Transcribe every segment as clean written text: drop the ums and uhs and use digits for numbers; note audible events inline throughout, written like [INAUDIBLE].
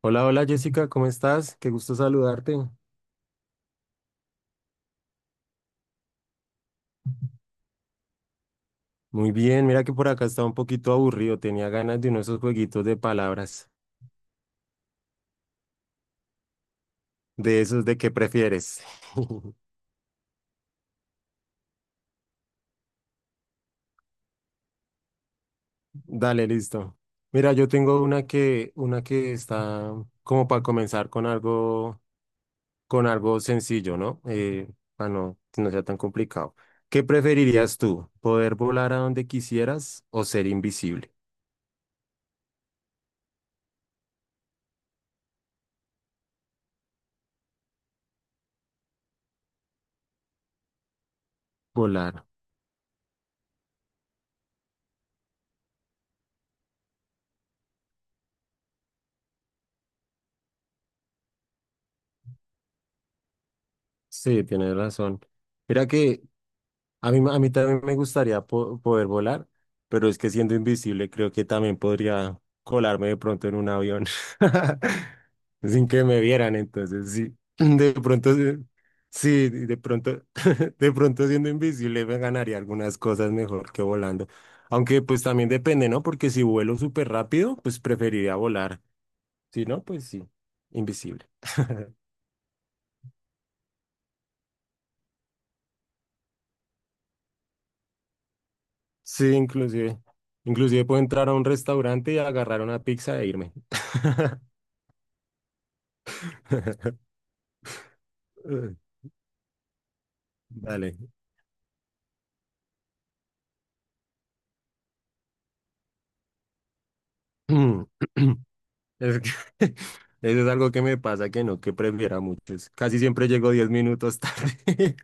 Hola, hola Jessica, ¿cómo estás? Qué gusto saludarte. Muy bien, mira que por acá estaba un poquito aburrido, tenía ganas de uno de esos jueguitos de palabras, de esos de qué prefieres. [LAUGHS] Dale, listo. Mira, yo tengo una que está como para comenzar con algo sencillo, ¿no? Para no, que no sea tan complicado. ¿Qué preferirías tú? ¿Poder volar a donde quisieras o ser invisible? Volar. Sí, tienes razón. Mira que a mí también me gustaría poder volar, pero es que siendo invisible creo que también podría colarme de pronto en un avión [LAUGHS] sin que me vieran. Entonces, sí, [CLEARS THROAT] de pronto, sí, sí, de pronto, [LAUGHS] de pronto siendo invisible me ganaría algunas cosas mejor que volando. Aunque pues también depende, ¿no? Porque si vuelo súper rápido, pues preferiría volar. Si no, pues sí, invisible. [LAUGHS] Sí, inclusive. Inclusive puedo entrar a un restaurante y agarrar una pizza e irme. [LAUGHS] Dale. [CLEARS THROAT] Es que [LAUGHS] eso es algo que me pasa que no, que prefiero a muchos. Casi siempre llego 10 minutos tarde.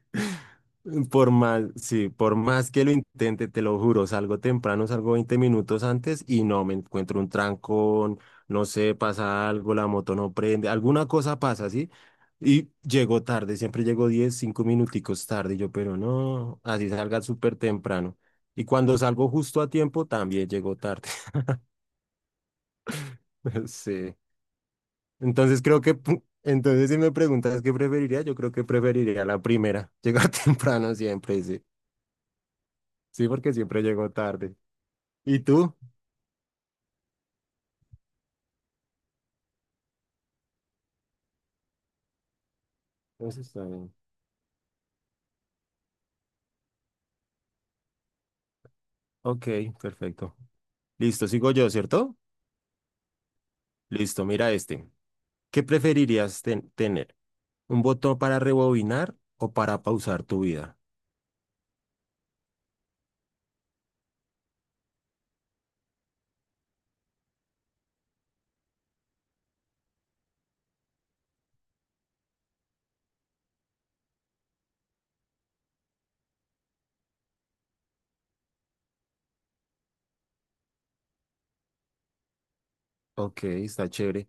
[LAUGHS] Por más, sí, por más que lo intente, te lo juro, salgo temprano, salgo 20 minutos antes y no me encuentro un trancón, no sé, pasa algo, la moto no prende, alguna cosa pasa, ¿sí? Y llego tarde, siempre llego 10 5 minuticos tarde, y yo, pero no, así salga súper temprano. Y cuando salgo justo a tiempo, también llego tarde. [LAUGHS] Sí. Entonces creo que, entonces si me preguntas qué preferiría, yo creo que preferiría la primera, llegar [LAUGHS] temprano siempre, sí. Sí, porque siempre llego tarde. ¿Y tú? Eso está bien. Ok, perfecto. Listo, sigo yo, ¿cierto? Listo, mira este. ¿Qué preferirías tener? ¿Un botón para rebobinar o para pausar tu vida? Ok, está chévere.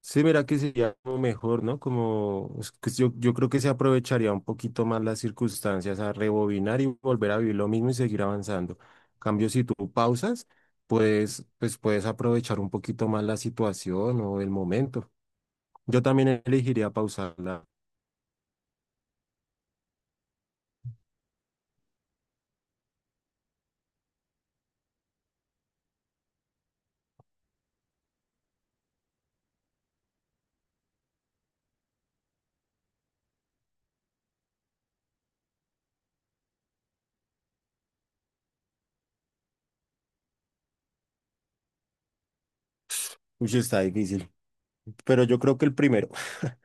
Sí, mira que sería como mejor, ¿no? Como es que yo creo que se aprovecharía un poquito más las circunstancias a rebobinar y volver a vivir lo mismo y seguir avanzando. Cambio, si tú pausas, pues puedes aprovechar un poquito más la situación o el momento. Yo también elegiría pausarla. Uy, está difícil, pero yo creo que el primero. [LAUGHS]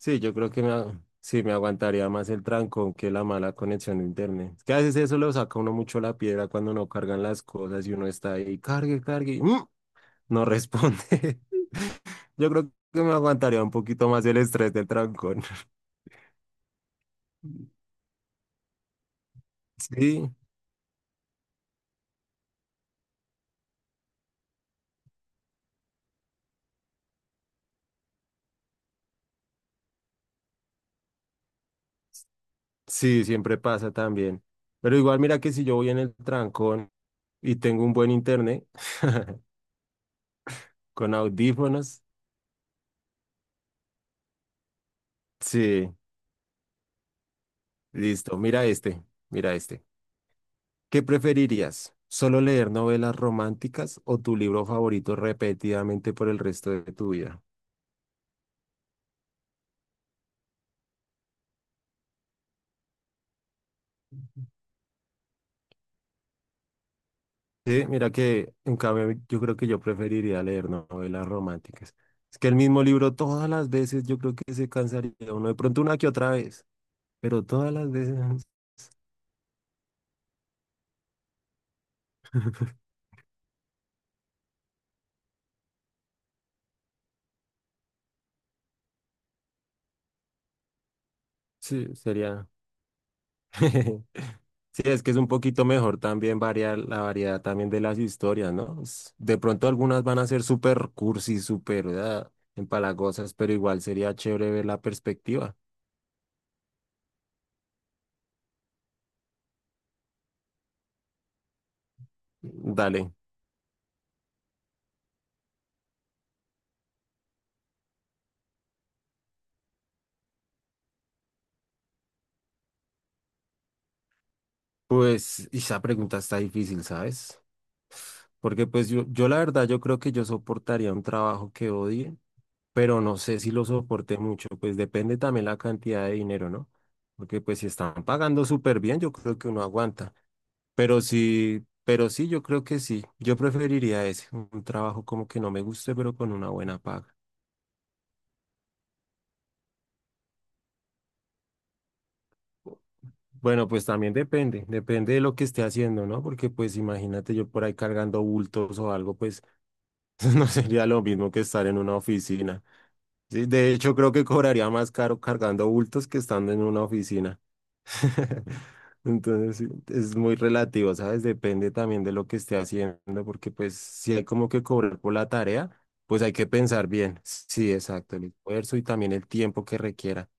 Sí, yo creo que sí, me aguantaría más el trancón que la mala conexión de internet. Es que a veces eso lo saca uno mucho la piedra cuando no cargan las cosas y uno está ahí, cargue, cargue, no responde. [LAUGHS] Yo creo que me aguantaría un poquito más el estrés del trancón. [LAUGHS] Sí, sí, siempre pasa también. Pero igual mira que si yo voy en el trancón y tengo un buen internet [LAUGHS] con audífonos, sí, listo, mira este, mira este. ¿Qué preferirías? ¿Solo leer novelas románticas o tu libro favorito repetidamente por el resto de tu vida? Sí, mira que en cambio yo creo que yo preferiría leer novelas románticas. Es que el mismo libro todas las veces yo creo que se cansaría uno, de pronto una que otra vez, pero todas las veces [LAUGHS] sí, sería [LAUGHS] Sí, es que es un poquito mejor también variar la variedad también de las historias, ¿no? De pronto algunas van a ser súper cursi, súper ah, empalagosas, pero igual sería chévere ver la perspectiva. Dale, pues esa pregunta está difícil, ¿sabes? Porque pues yo la verdad, yo creo que yo soportaría un trabajo que odie, pero no sé si lo soporte mucho, pues depende también la cantidad de dinero, ¿no? Porque pues si están pagando súper bien, yo creo que uno aguanta. Pero sí, yo creo que sí. Yo preferiría ese, un trabajo como que no me guste, pero con una buena paga. Bueno, pues también depende, depende de lo que esté haciendo, ¿no? Porque pues imagínate yo por ahí cargando bultos o algo, pues [LAUGHS] no sería lo mismo que estar en una oficina. Sí, de hecho, creo que cobraría más caro cargando bultos que estando en una oficina. [LAUGHS] Entonces, sí, es muy relativo, ¿sabes? Depende también de lo que esté haciendo, porque pues si hay como que cobrar por la tarea, pues hay que pensar bien. Sí, exacto, el esfuerzo y también el tiempo que requiera.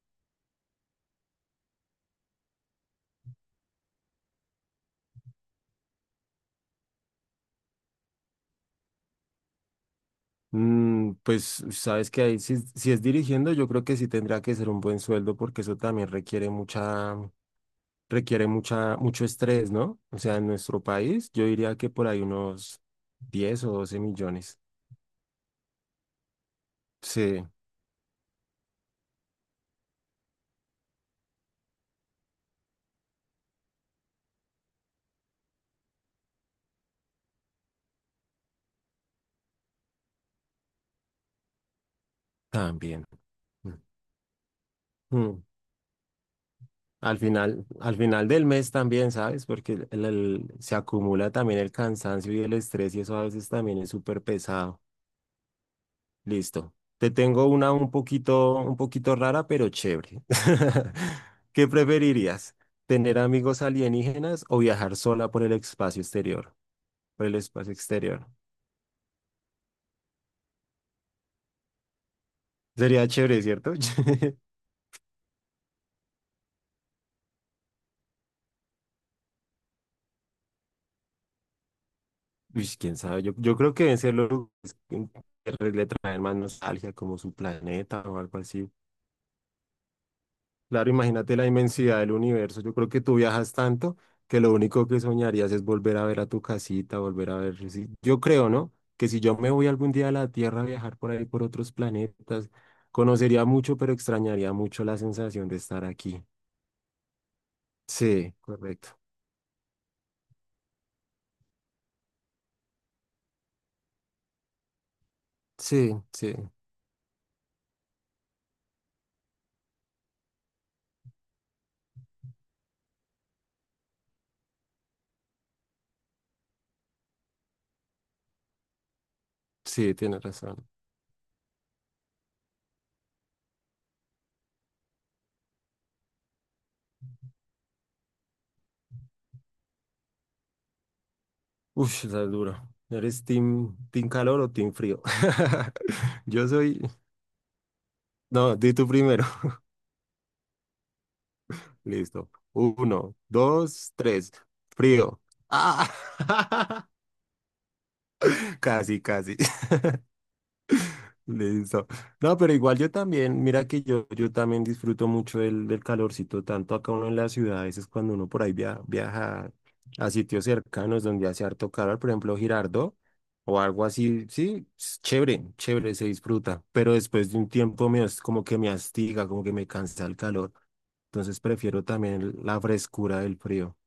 Mm, pues sabes que ahí si, si es dirigiendo, yo creo que sí tendrá que ser un buen sueldo, porque eso también requiere mucha, mucho estrés, ¿no? O sea, en nuestro país yo diría que por ahí unos 10 o 12 millones. Sí, también. Mm. Al final del mes también, ¿sabes? Porque se acumula también el cansancio y el estrés y eso a veces también es súper pesado. Listo. Te tengo una un poquito rara, pero chévere. [LAUGHS] ¿Qué preferirías? ¿Tener amigos alienígenas o viajar sola por el espacio exterior? Por el espacio exterior. Sería chévere, ¿cierto? [LAUGHS] Uish, quién sabe. Yo creo que deben ser los lugares que le traen más nostalgia, como su planeta o algo así. Claro, imagínate la inmensidad del universo. Yo creo que tú viajas tanto que lo único que soñarías es volver a ver a tu casita, volver a ver. Sí. Yo creo, ¿no? Que si yo me voy algún día a la Tierra a viajar por ahí, por otros planetas, conocería mucho, pero extrañaría mucho la sensación de estar aquí. Sí, correcto. Sí, sí, sí, tienes razón. Uf, está duro. ¿Eres team, team calor o team frío? [LAUGHS] Yo soy... No, di tú primero. [LAUGHS] Listo. Uno, dos, tres. Frío. Ah, [LAUGHS] casi, casi. Listo. No, pero igual yo también, mira que yo también disfruto mucho del, del calorcito, tanto acá uno en la ciudad, a veces cuando uno por ahí viaja a sitios cercanos donde hace harto calor, por ejemplo, Girardot o algo así, sí, es chévere, chévere, se disfruta, pero después de un tiempo como que me astiga, como que me cansa el calor, entonces prefiero también la frescura del frío.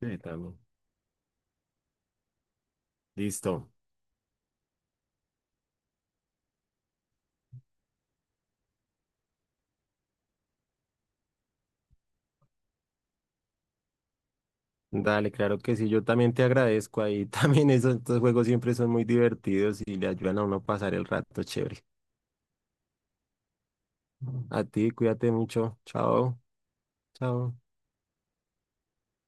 Sí, también. Listo. Dale, claro que sí, yo también te agradezco ahí. [LAUGHS] También esos, estos juegos siempre son muy divertidos y le ayudan a uno a pasar el rato chévere. A ti, cuídate mucho. Chao, chao.